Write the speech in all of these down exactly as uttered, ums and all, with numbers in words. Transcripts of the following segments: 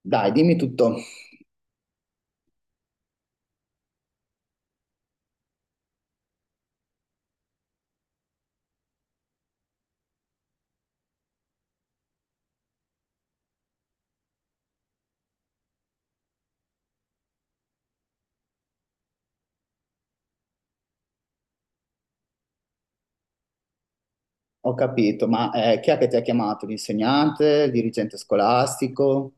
Dai, dimmi tutto, ho capito, ma eh, chi è che ti ha chiamato? L'insegnante, il dirigente scolastico?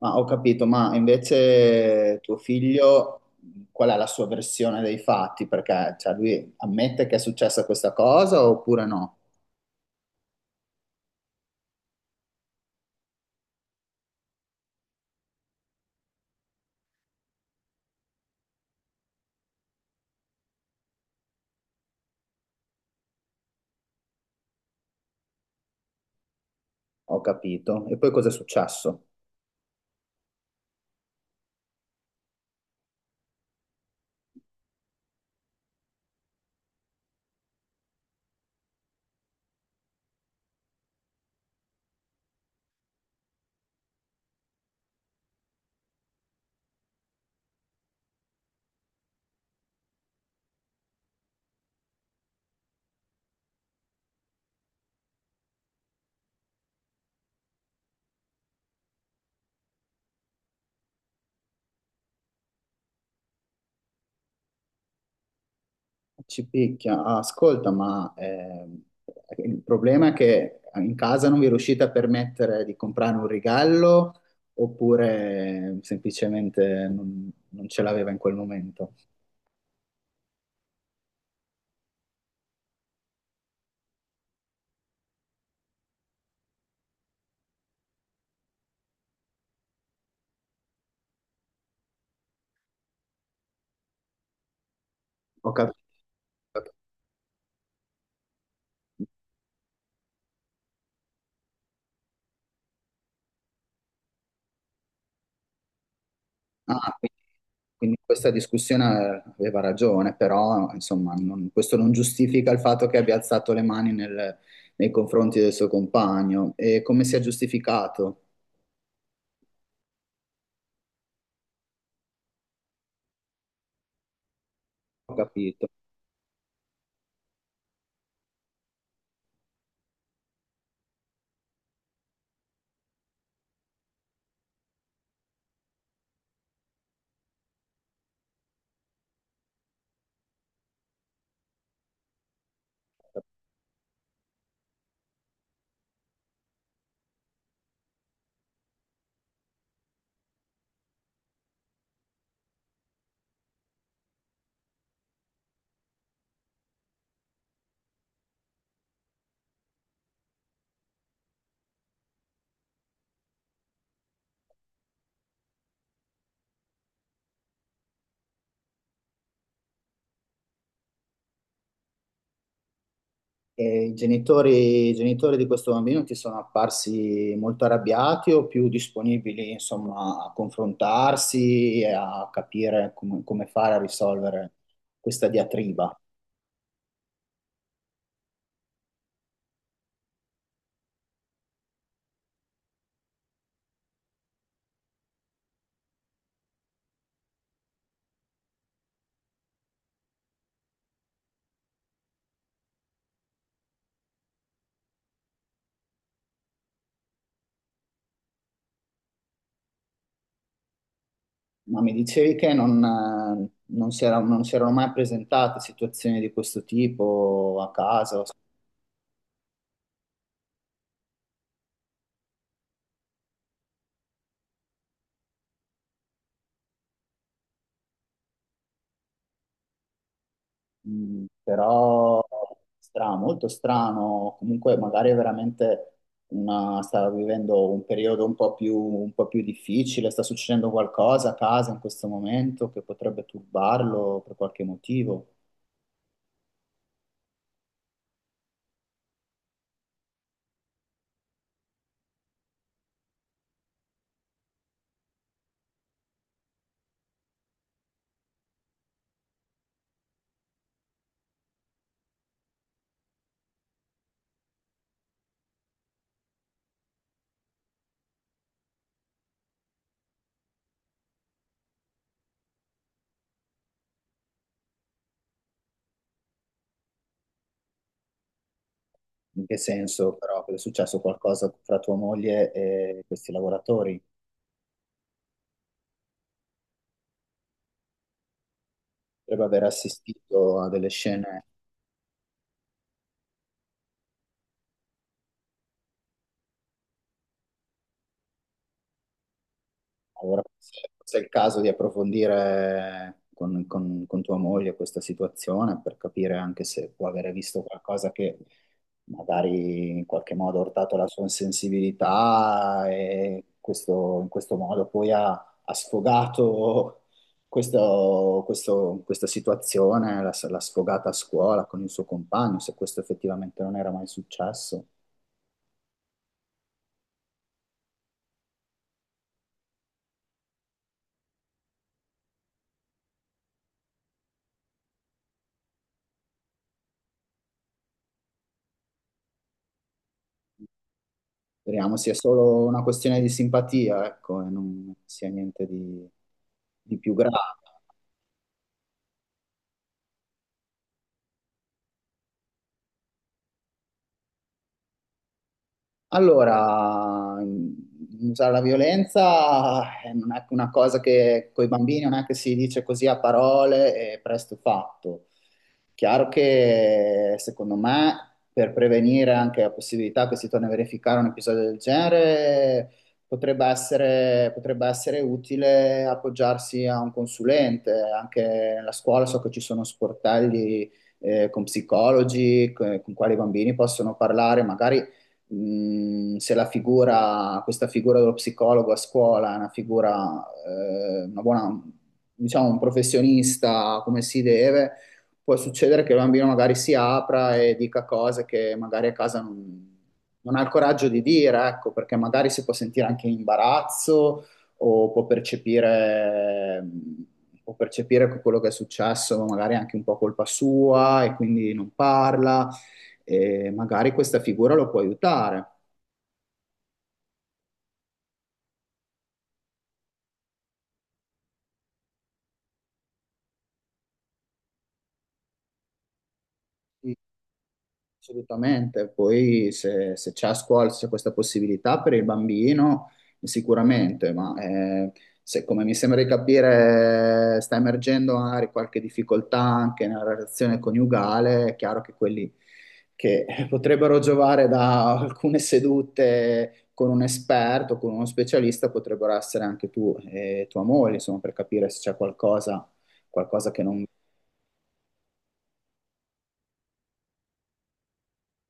Ma ho capito, ma invece tuo figlio, qual è la sua versione dei fatti? Perché cioè, lui ammette che è successa questa cosa oppure no? Ho capito. E poi cosa è successo? Ci picchia. Ah, ascolta, ma ehm, il problema è che in casa non vi riuscite a permettere di comprare un regalo oppure semplicemente non, non ce l'aveva in quel momento? Ho capito. Ah, quindi quindi questa discussione aveva ragione, però insomma, non- questo non giustifica il fatto che abbia alzato le mani nel- nei confronti del suo compagno. E come si è giustificato? Ho capito. E i genitori, i genitori di questo bambino ti sono apparsi molto arrabbiati o più disponibili, insomma, a confrontarsi e a capire come, come fare a risolvere questa diatriba? Ma mi dicevi che non, eh, non si era- non si erano mai presentate situazioni di questo tipo a casa? O mm, però strano, molto strano, comunque magari è veramente una, sta vivendo un periodo un po' più, un po' più difficile, sta succedendo qualcosa a casa in questo momento che potrebbe turbarlo per qualche motivo. In che senso però è successo qualcosa fra tua moglie e questi lavoratori? Potrebbe aver assistito a delle scene. Allora, forse forse è il caso di approfondire con, con- con tua moglie questa situazione per capire anche se può avere visto qualcosa che magari in qualche modo ha urtato la sua sensibilità e questo- in questo modo poi ha, ha sfogato questo- questo- questa situazione, l'ha l'ha sfogata a scuola con il suo compagno, se questo effettivamente non era mai successo. Speriamo sia solo una questione di simpatia, ecco, e non sia niente di, di più grave. Allora, mh, usare la violenza eh, non è che una cosa che con i bambini non è che si dice così a parole e presto fatto. Chiaro che secondo me per prevenire anche la possibilità che si torni a verificare un episodio del genere potrebbe essere, potrebbe essere utile appoggiarsi a un consulente. Anche nella scuola so che ci sono sportelli eh, con psicologi, co- con quali i bambini possono parlare, magari mh, se la figura, questa figura dello psicologo a scuola è una figura, eh, una buona, diciamo, un professionista come si deve, può succedere che il bambino magari si apra e dica cose che magari a casa non, non ha il coraggio di dire, ecco, perché magari si può sentire anche in imbarazzo o può percepire, può percepire che quello che è successo, magari è anche un po' colpa sua e quindi non parla e magari questa figura lo può aiutare. Assolutamente. Poi se, se c'è a scuola, se c'è questa possibilità per il bambino, sicuramente, ma eh, se, come mi sembra di capire, sta emergendo magari qualche difficoltà anche nella relazione coniugale, è chiaro che quelli che potrebbero giovare da alcune sedute con un esperto, con uno specialista, potrebbero essere anche tu e tua moglie, insomma, per capire se c'è qualcosa, qualcosa che non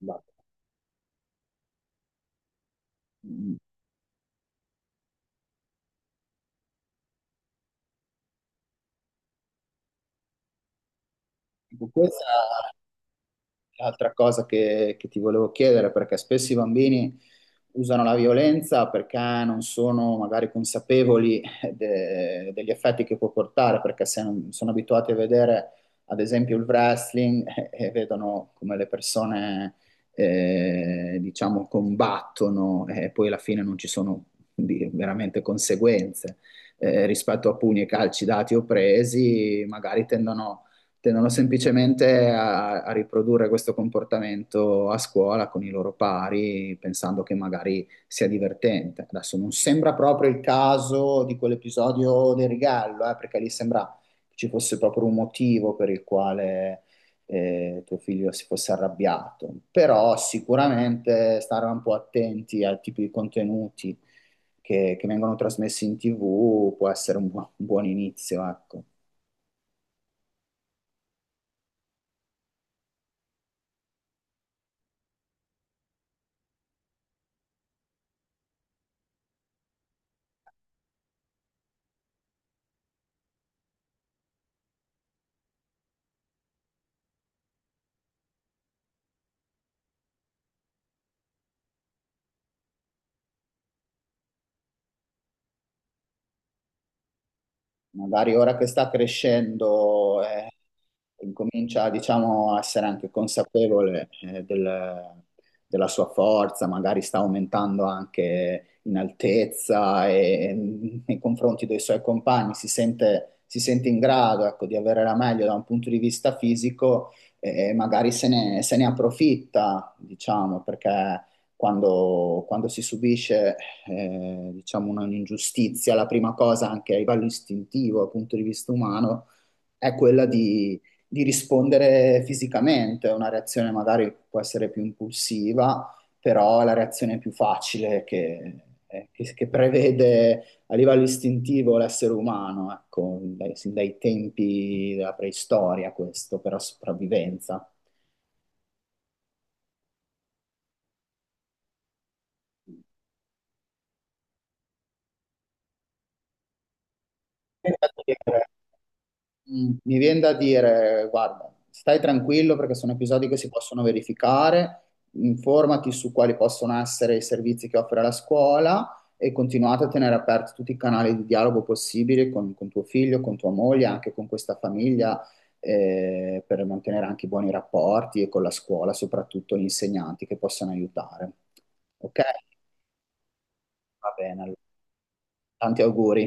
va. Mm, ecco, questa è l'altra cosa che, che ti volevo chiedere, perché spesso i bambini usano la violenza perché non sono magari consapevoli de- degli effetti che può portare, perché se non- sono abituati a vedere, ad esempio, il wrestling eh, e vedono come le persone, eh, diciamo, combattono e poi alla fine non ci sono di- veramente conseguenze. Eh, rispetto a pugni e calci dati o presi, magari tendono tendono semplicemente a, a riprodurre questo comportamento a scuola con i loro pari, pensando che magari sia divertente. Adesso non sembra proprio il caso di quell'episodio del regalo, eh, perché lì sembra che ci fosse proprio un motivo per il quale eh, tuo figlio si fosse arrabbiato, però sicuramente stare un po' attenti al tipo di contenuti che, che vengono trasmessi in T V può essere un, buon un buon inizio, ecco. Magari ora che sta crescendo, eh, incomincia, diciamo, a essere anche consapevole, eh, del- della sua forza, magari sta aumentando anche in altezza e, e nei confronti dei suoi compagni, si sente, si sente in grado, ecco, di avere la meglio da un punto di vista fisico e magari se ne, se ne approfitta, diciamo, perché quando, quando si subisce eh, diciamo una- un'ingiustizia. La prima cosa, anche a livello istintivo, dal punto di vista umano, è quella di, di rispondere fisicamente. È una reazione magari può essere più impulsiva, però è la reazione più facile che, eh, che- che prevede a livello istintivo l'essere umano, ecco, dai- sin dai tempi della preistoria questo, per la sopravvivenza. Mm, mi viene da dire, guarda, stai tranquillo perché sono episodi che si possono verificare, informati su quali possono essere i servizi che offre la scuola e continuate a tenere aperti tutti i canali di dialogo possibili con, con tuo figlio, con tua moglie, anche con questa famiglia, eh, per mantenere anche i buoni rapporti e con la scuola, soprattutto gli insegnanti che possono aiutare. Ok? Va bene, allora. Tanti auguri.